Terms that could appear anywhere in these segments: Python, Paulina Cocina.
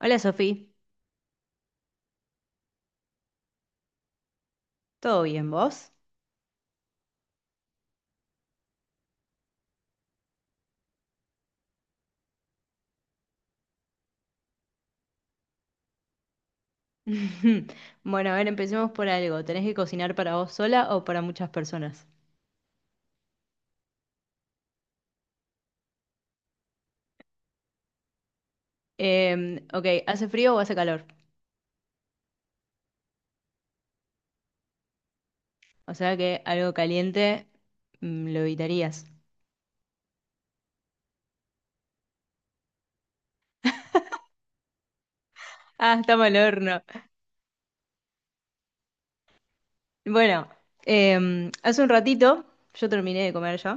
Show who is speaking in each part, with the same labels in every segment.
Speaker 1: Hola Sofía, ¿todo bien vos? Bueno, a ver, empecemos por algo. ¿Tenés que cocinar para vos sola o para muchas personas? Ok, ¿hace frío o hace calor? O sea que algo caliente lo evitarías. Ah, estamos al horno. Bueno, hace un ratito yo terminé de comer ya.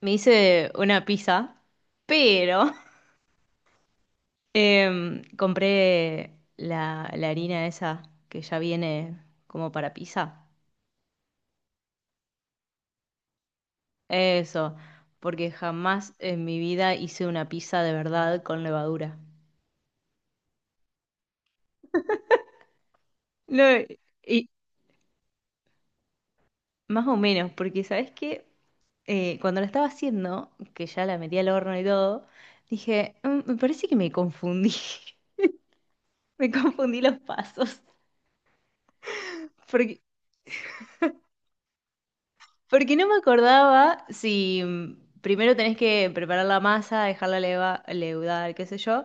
Speaker 1: Me hice una pizza, pero compré la harina esa que ya viene como para pizza. Eso, porque jamás en mi vida hice una pizza de verdad con levadura. No, y más o menos, porque ¿sabes qué? Cuando la estaba haciendo, que ya la metí al horno y todo, dije, Me parece que me confundí, me confundí los pasos, porque, porque no me acordaba si primero tenés que preparar la masa, dejarla leva, leudar, qué sé yo,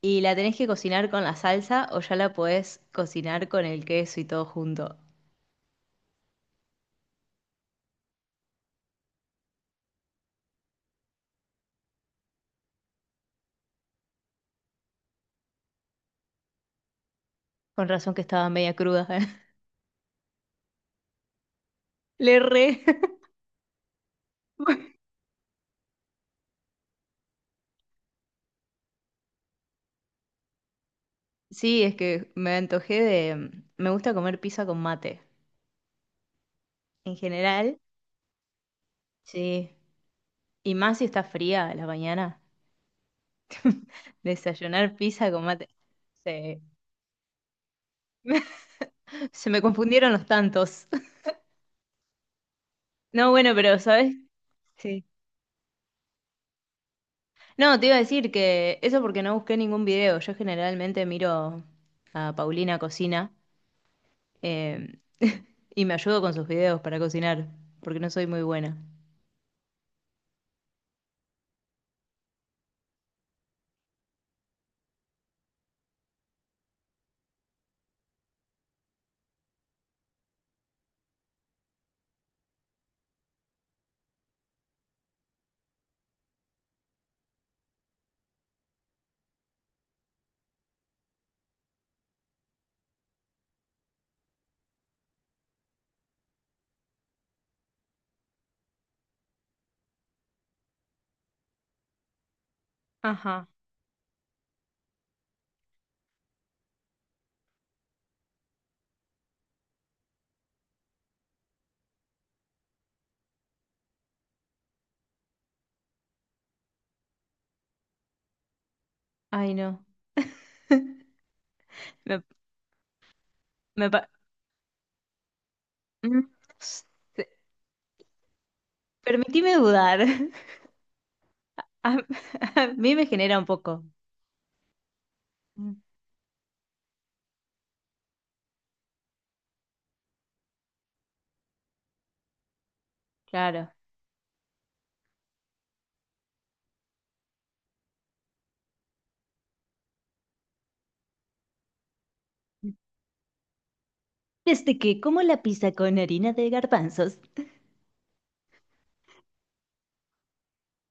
Speaker 1: y la tenés que cocinar con la salsa o ya la podés cocinar con el queso y todo junto. Con razón que estaba media cruda. Le re. Sí, es que me antojé. Me gusta comer pizza con mate. En general, sí. Y más si está fría a la mañana. Desayunar pizza con mate. Sí. Se me confundieron los tantos. No, bueno, pero ¿sabes? Sí. No, te iba a decir que eso porque no busqué ningún video. Yo generalmente miro a Paulina Cocina eh, y me ayudo con sus videos para cocinar, porque no soy muy buena. Ajá. Ay, no. Me, me pa- no sé. Permitime dudar. A, a mí me genera un poco. Mm, claro. Desde que como la pizza con harina de garbanzos.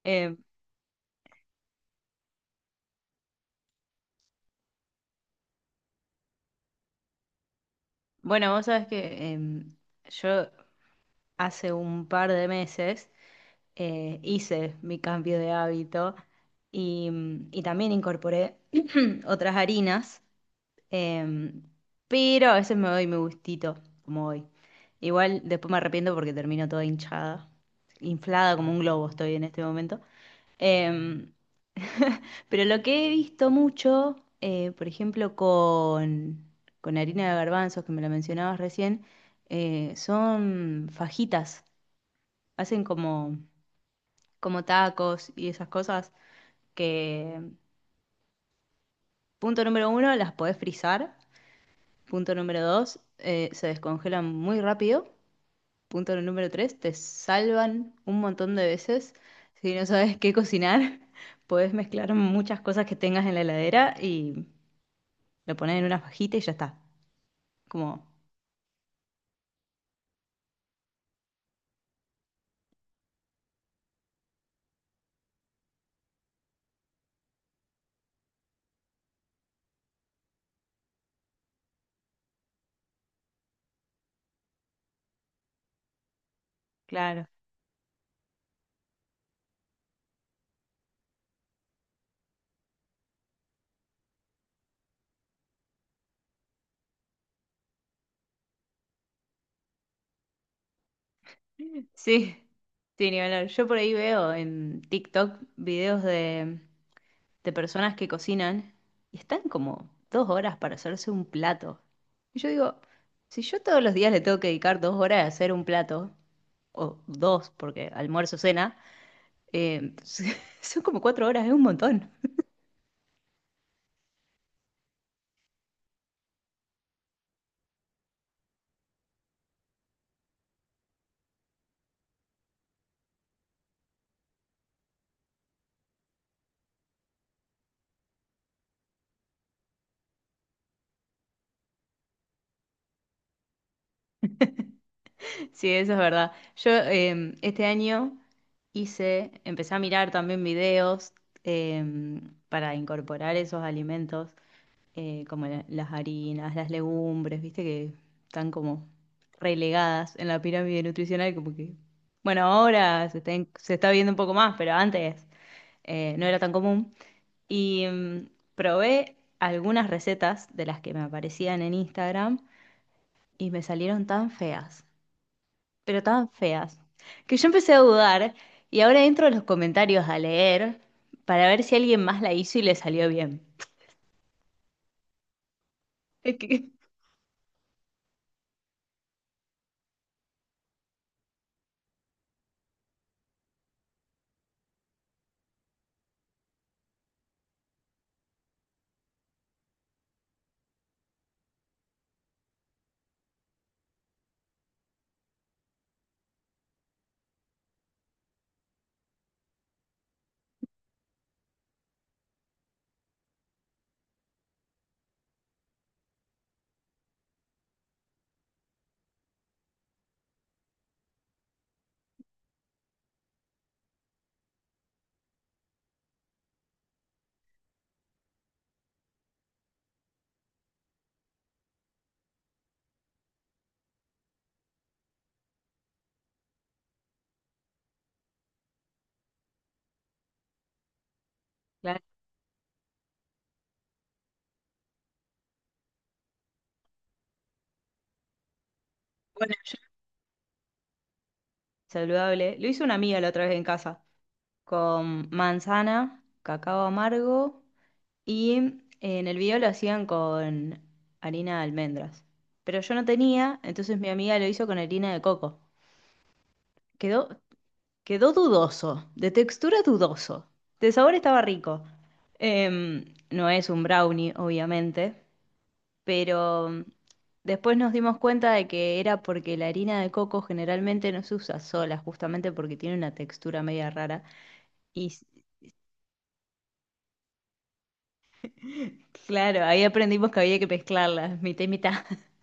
Speaker 1: Eh, bueno, vos sabés que yo hace un par de meses hice mi cambio de hábito y también incorporé otras harinas. Em, pero a veces me doy mi gustito, como hoy. Igual después me arrepiento porque termino toda hinchada, inflada como un globo estoy en este momento. Em, pero lo que he visto mucho, por ejemplo, con harina de garbanzos, que me la mencionabas recién, son fajitas. Hacen como tacos y esas cosas que, punto número uno, las podés frizar. Punto número dos, se descongelan muy rápido. Punto número tres, te salvan un montón de veces. Si no sabes qué cocinar, podés mezclar muchas cosas que tengas en la heladera y lo pones en una fajita y ya está. Como, claro. Sí, sí, ni hablar. Yo por ahí veo en TikTok videos de personas que cocinan y están como 2 horas para hacerse un plato. Y yo digo, si yo todos los días le tengo que dedicar 2 horas a hacer un plato, o dos, porque almuerzo, cena. Eh, Son como 4 horas, es un montón. Sí, eso es verdad. Yo este año empecé a mirar también videos eh, para incorporar esos alimentos, como las harinas, las legumbres, viste que están como relegadas en la pirámide nutricional, como que, bueno, ahora se está, se está viendo un poco más, pero antes no era tan común. Y mm, probé algunas recetas de las que me aparecían en Instagram y me salieron tan feas, pero tan feas, que yo empecé a dudar y ahora entro a los comentarios a leer para ver si alguien más la hizo y le salió bien. Es que, claro, bueno, saludable. Lo hizo una amiga la otra vez en casa, con manzana, cacao amargo y en el video lo hacían con harina de almendras. Pero yo no tenía, entonces mi amiga lo hizo con harina de coco. Quedó Quedó dudoso, de textura dudoso. De sabor estaba rico. Em, no es un brownie, obviamente, pero después nos dimos cuenta de que era porque la harina de coco generalmente no se usa sola, justamente porque tiene una textura media rara. Y s- claro, ahí aprendimos que había que mezclarla, mitad y mitad.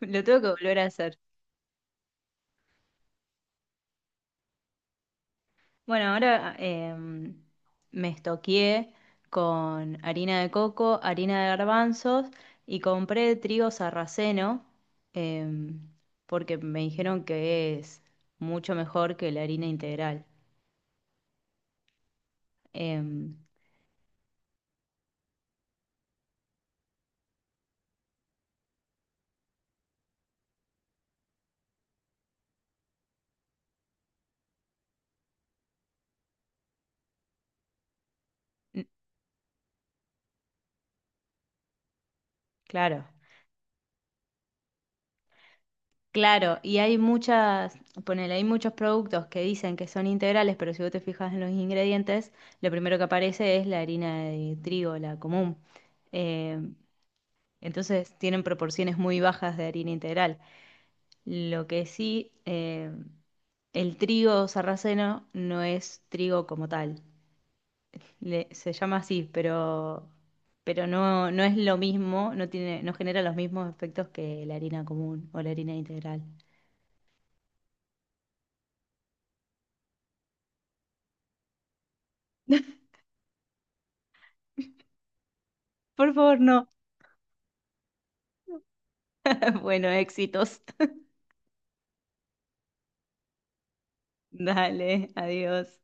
Speaker 1: Lo tengo que volver a hacer. Bueno, ahora me estoqueé con harina de coco, harina de garbanzos y compré trigo sarraceno em, porque me dijeron que es mucho mejor que la harina integral. Em, n- claro, claro, y hay muchas, ponele, hay muchos productos que dicen que son integrales, pero si vos te fijas en los ingredientes, lo primero que aparece es la harina de trigo, la común. Em, Entonces tienen proporciones muy bajas de harina integral. Lo que sí, el trigo sarraceno no es trigo como tal. Se llama así, pero no es lo mismo, no tiene, no genera los mismos efectos que la harina común o la harina integral. Por favor, no. Bueno, éxitos. Dale, adiós.